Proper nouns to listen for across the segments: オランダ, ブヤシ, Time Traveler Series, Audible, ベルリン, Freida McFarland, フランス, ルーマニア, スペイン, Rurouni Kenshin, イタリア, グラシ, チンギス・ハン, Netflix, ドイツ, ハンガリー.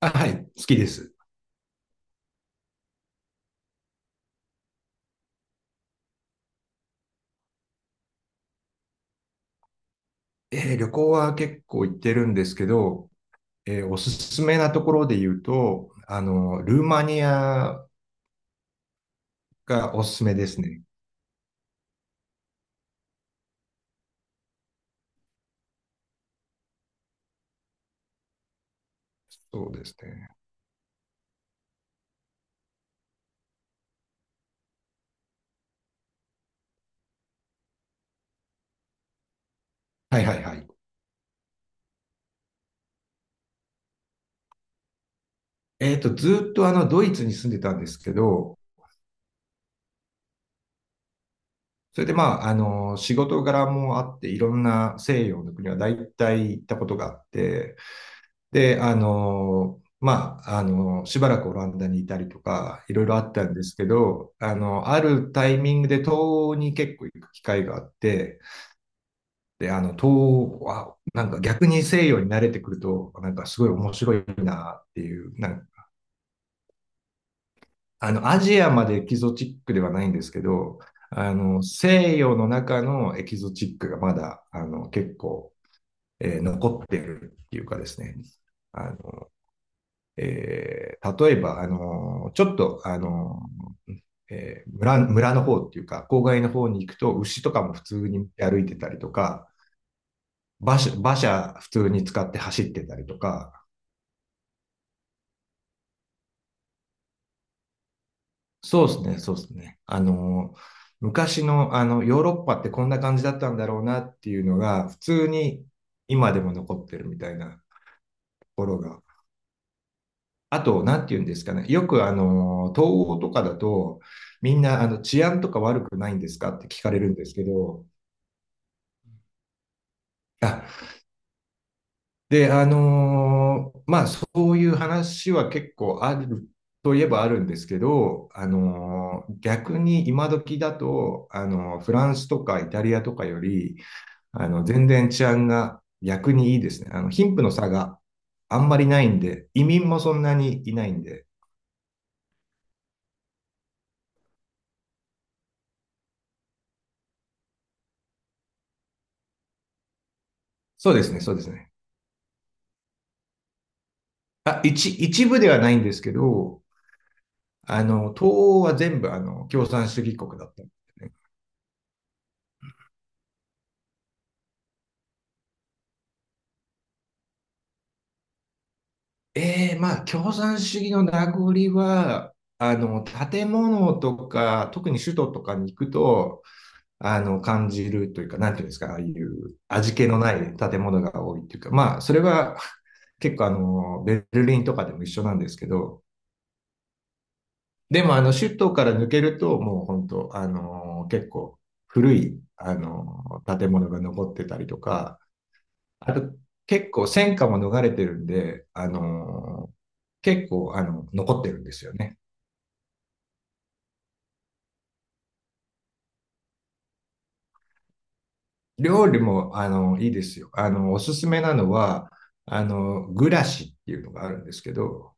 あ、はい、好きです。旅行は結構行ってるんですけど、おすすめなところで言うと、ルーマニアがおすすめですね。そうですね。はいはいはい。ずっと、ドイツに住んでたんですけど、それで、仕事柄もあって、いろんな西洋の国は大体行ったことがあって、で、しばらくオランダにいたりとか、いろいろあったんですけど、あるタイミングで東欧に結構行く機会があって、で、東欧は、なんか逆に西洋に慣れてくると、なんかすごい面白いなっていう、アジアまでエキゾチックではないんですけど、西洋の中のエキゾチックがまだ、結構、残ってるっていうかですね、あの、例えば、ちょっと、村の方っていうか、郊外の方に行くと、牛とかも普通に歩いてたりとか、馬車普通に使って走ってたりとか、そうですね、そうですね。昔の、ヨーロッパってこんな感じだったんだろうなっていうのが、普通に今でも残ってるみたいなところが。あと、なんて言うんですかね。よく、東欧とかだと、みんな、治安とか悪くないんですかって聞かれるんですけど、あ、で、まあ、そういう話は結構あるといえばあるんですけど、逆に今時だと、フランスとかイタリアとかより、全然治安が逆にいいですね。貧富の差があんまりないんで、移民もそんなにいないんで、そうですね、そうですね。あ、一部ではないんですけど、東欧は全部、共産主義国だったんでね、ええ、まあ、共産主義の名残は、建物とか、特に首都とかに行くと、感じるというか、なんていうんですか、ああいう味気のない建物が多いっていうか、まあ、それは結構、ベルリンとかでも一緒なんですけど、でも、首都から抜けると、もう本当、結構古い、建物が残ってたりとか、あと、結構戦火も逃れてるんで、結構、残ってるんですよね。料理も、いいですよ。おすすめなのは、グラシっていうのがあるんですけど、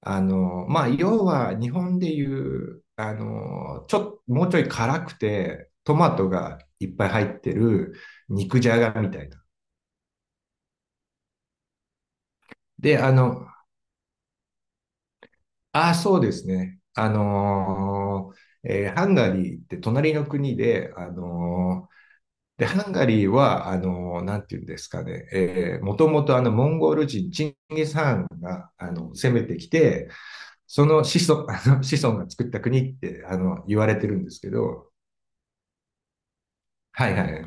まあ、要は日本でいう、ちょっと、もうちょい辛くて、トマトがいっぱい入ってる肉じゃがみたいな。で、あの、ああ、そうですね。ハンガリーって隣の国で、で、ハンガリーは、なんていうんですかね、もともとモンゴル人、チンギス・ハンが、攻めてきて、その子孫、子孫が作った国って、言われてるんですけど、はいはい。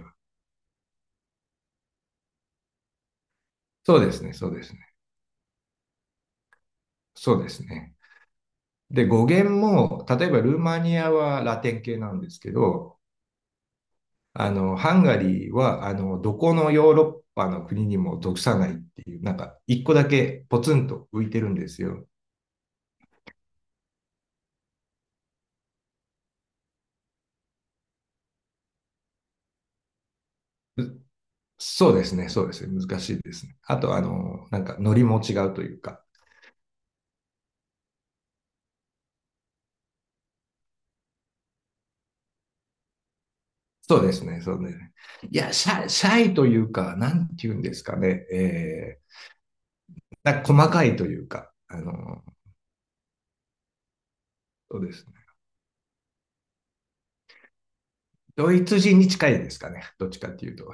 そうですね、そうですね。そうですね。で、語源も、例えばルーマニアはラテン系なんですけど、ハンガリーは、どこのヨーロッパの国にも属さないっていう、なんか、一個だけポツンと浮いてるんですよ。そうですね、そうですね、難しいですね。あと、なんか、ノリも違うというか、そうですね、そうですね。いや、シャイというか、なんて言うんですかね、なんか細かいというか、そうですね。ドイツ人に近いですかね、どっちかっていうと。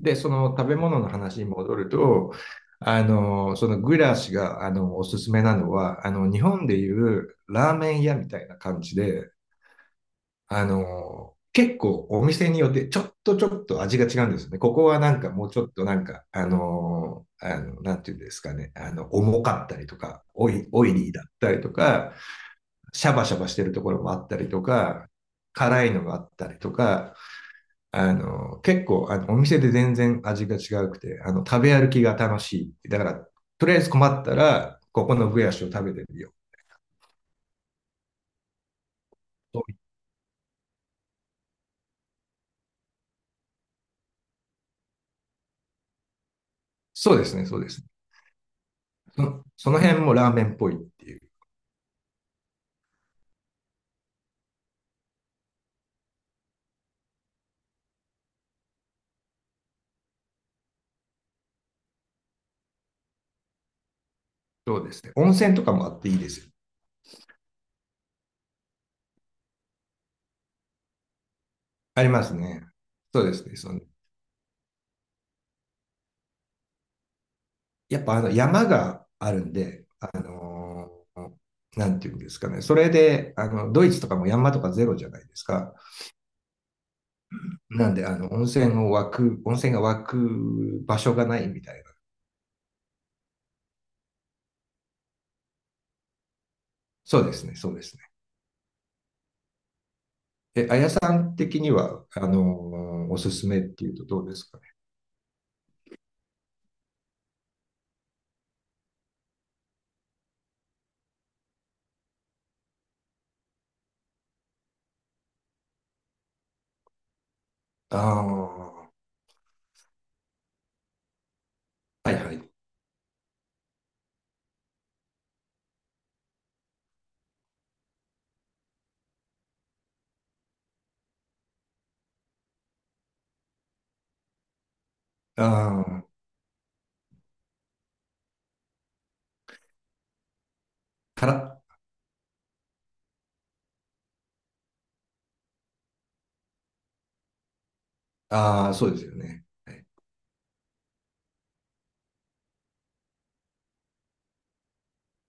で、その食べ物の話に戻ると、そのグラシが、おすすめなのは、日本でいうラーメン屋みたいな感じで、結構お店によってちょっとちょっと味が違うんですよね。ここはなんかもうちょっとなんか、なんていうんですかね、重かったりとか、オイリーだったりとか、シャバシャバしてるところもあったりとか、辛いのがあったりとか、結構、お店で全然味が違うくて、食べ歩きが楽しい。だから、とりあえず困ったら、ここのブヤシを食べてみよう。そうそうですね、そうですね。そのその辺もラーメンっぽいっていう。そうですね。温泉とかもあっていいですよ。ありますね。そうですね。やっぱ山があるんで、ーなんていうんですかね。それで、ドイツとかも山とかゼロじゃないですか。なんで、温泉が湧く場所がないみたいな。そうですね、そうですね。え、あやさん的には、おすすめっていうとどうですかね。ああ、はいはい。ああ、から、ああ、そうですよね。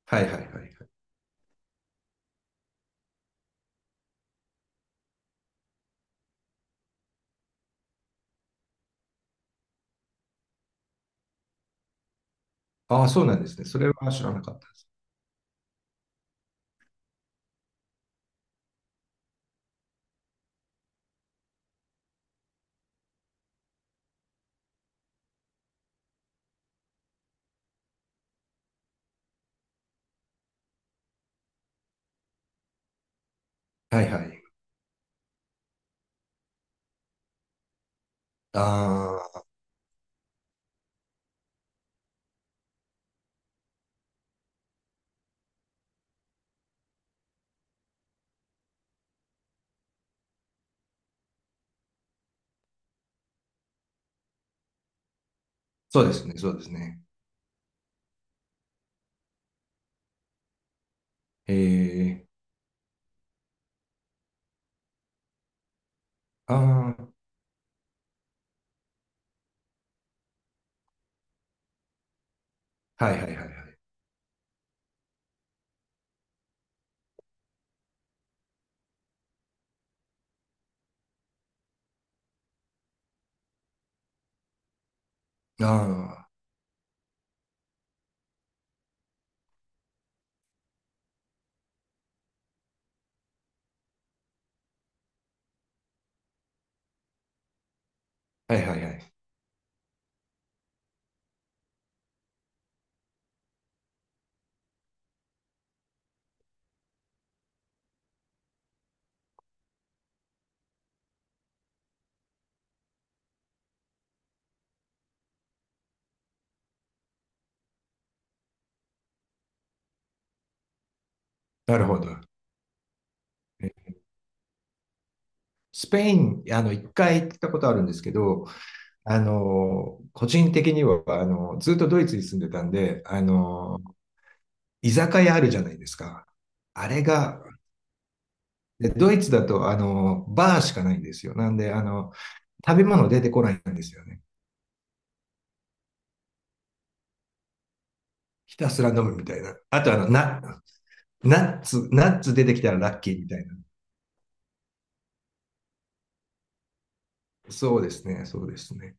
はいはいはいはい。ああ、そうなんですね。それは知らなかったです。はいはい。ああ、そうですね、そうですね。ええ、ああ、はいはいはいはい。ああ、はいはいはい。なるほど。えスペイン、一回行ったことあるんですけど、個人的には、ずっとドイツに住んでたんで、居酒屋あるじゃないですか。あれが、でドイツだと、バーしかないんですよ。なんで、食べ物出てこないんですよね。ひたすら飲むみたいな。あと、ナッツ出てきたらラッキーみたいな。そうですね、そうですね。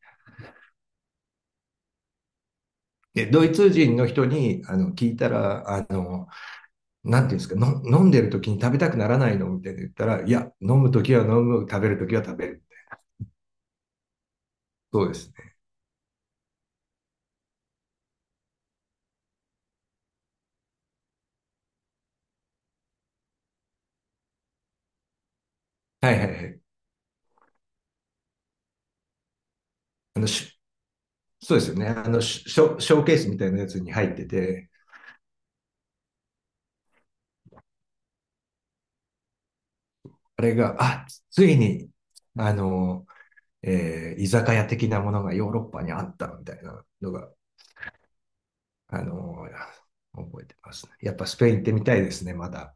で、ドイツ人の人に聞いたら、なんていうんですか、の飲んでる時に食べたくならないのみたいな言ったら、いや、飲む時は飲む、食べる時は食べる。そうですね。はいはいはい。あの、しそうですよね。ショーケースみたいなやつに入ってて、あれが、あ、ついに、あの、居酒屋的なものがヨーロッパにあったみたいなのが、あの、覚えてますね。やっぱスペイン行ってみたいですね、まだ。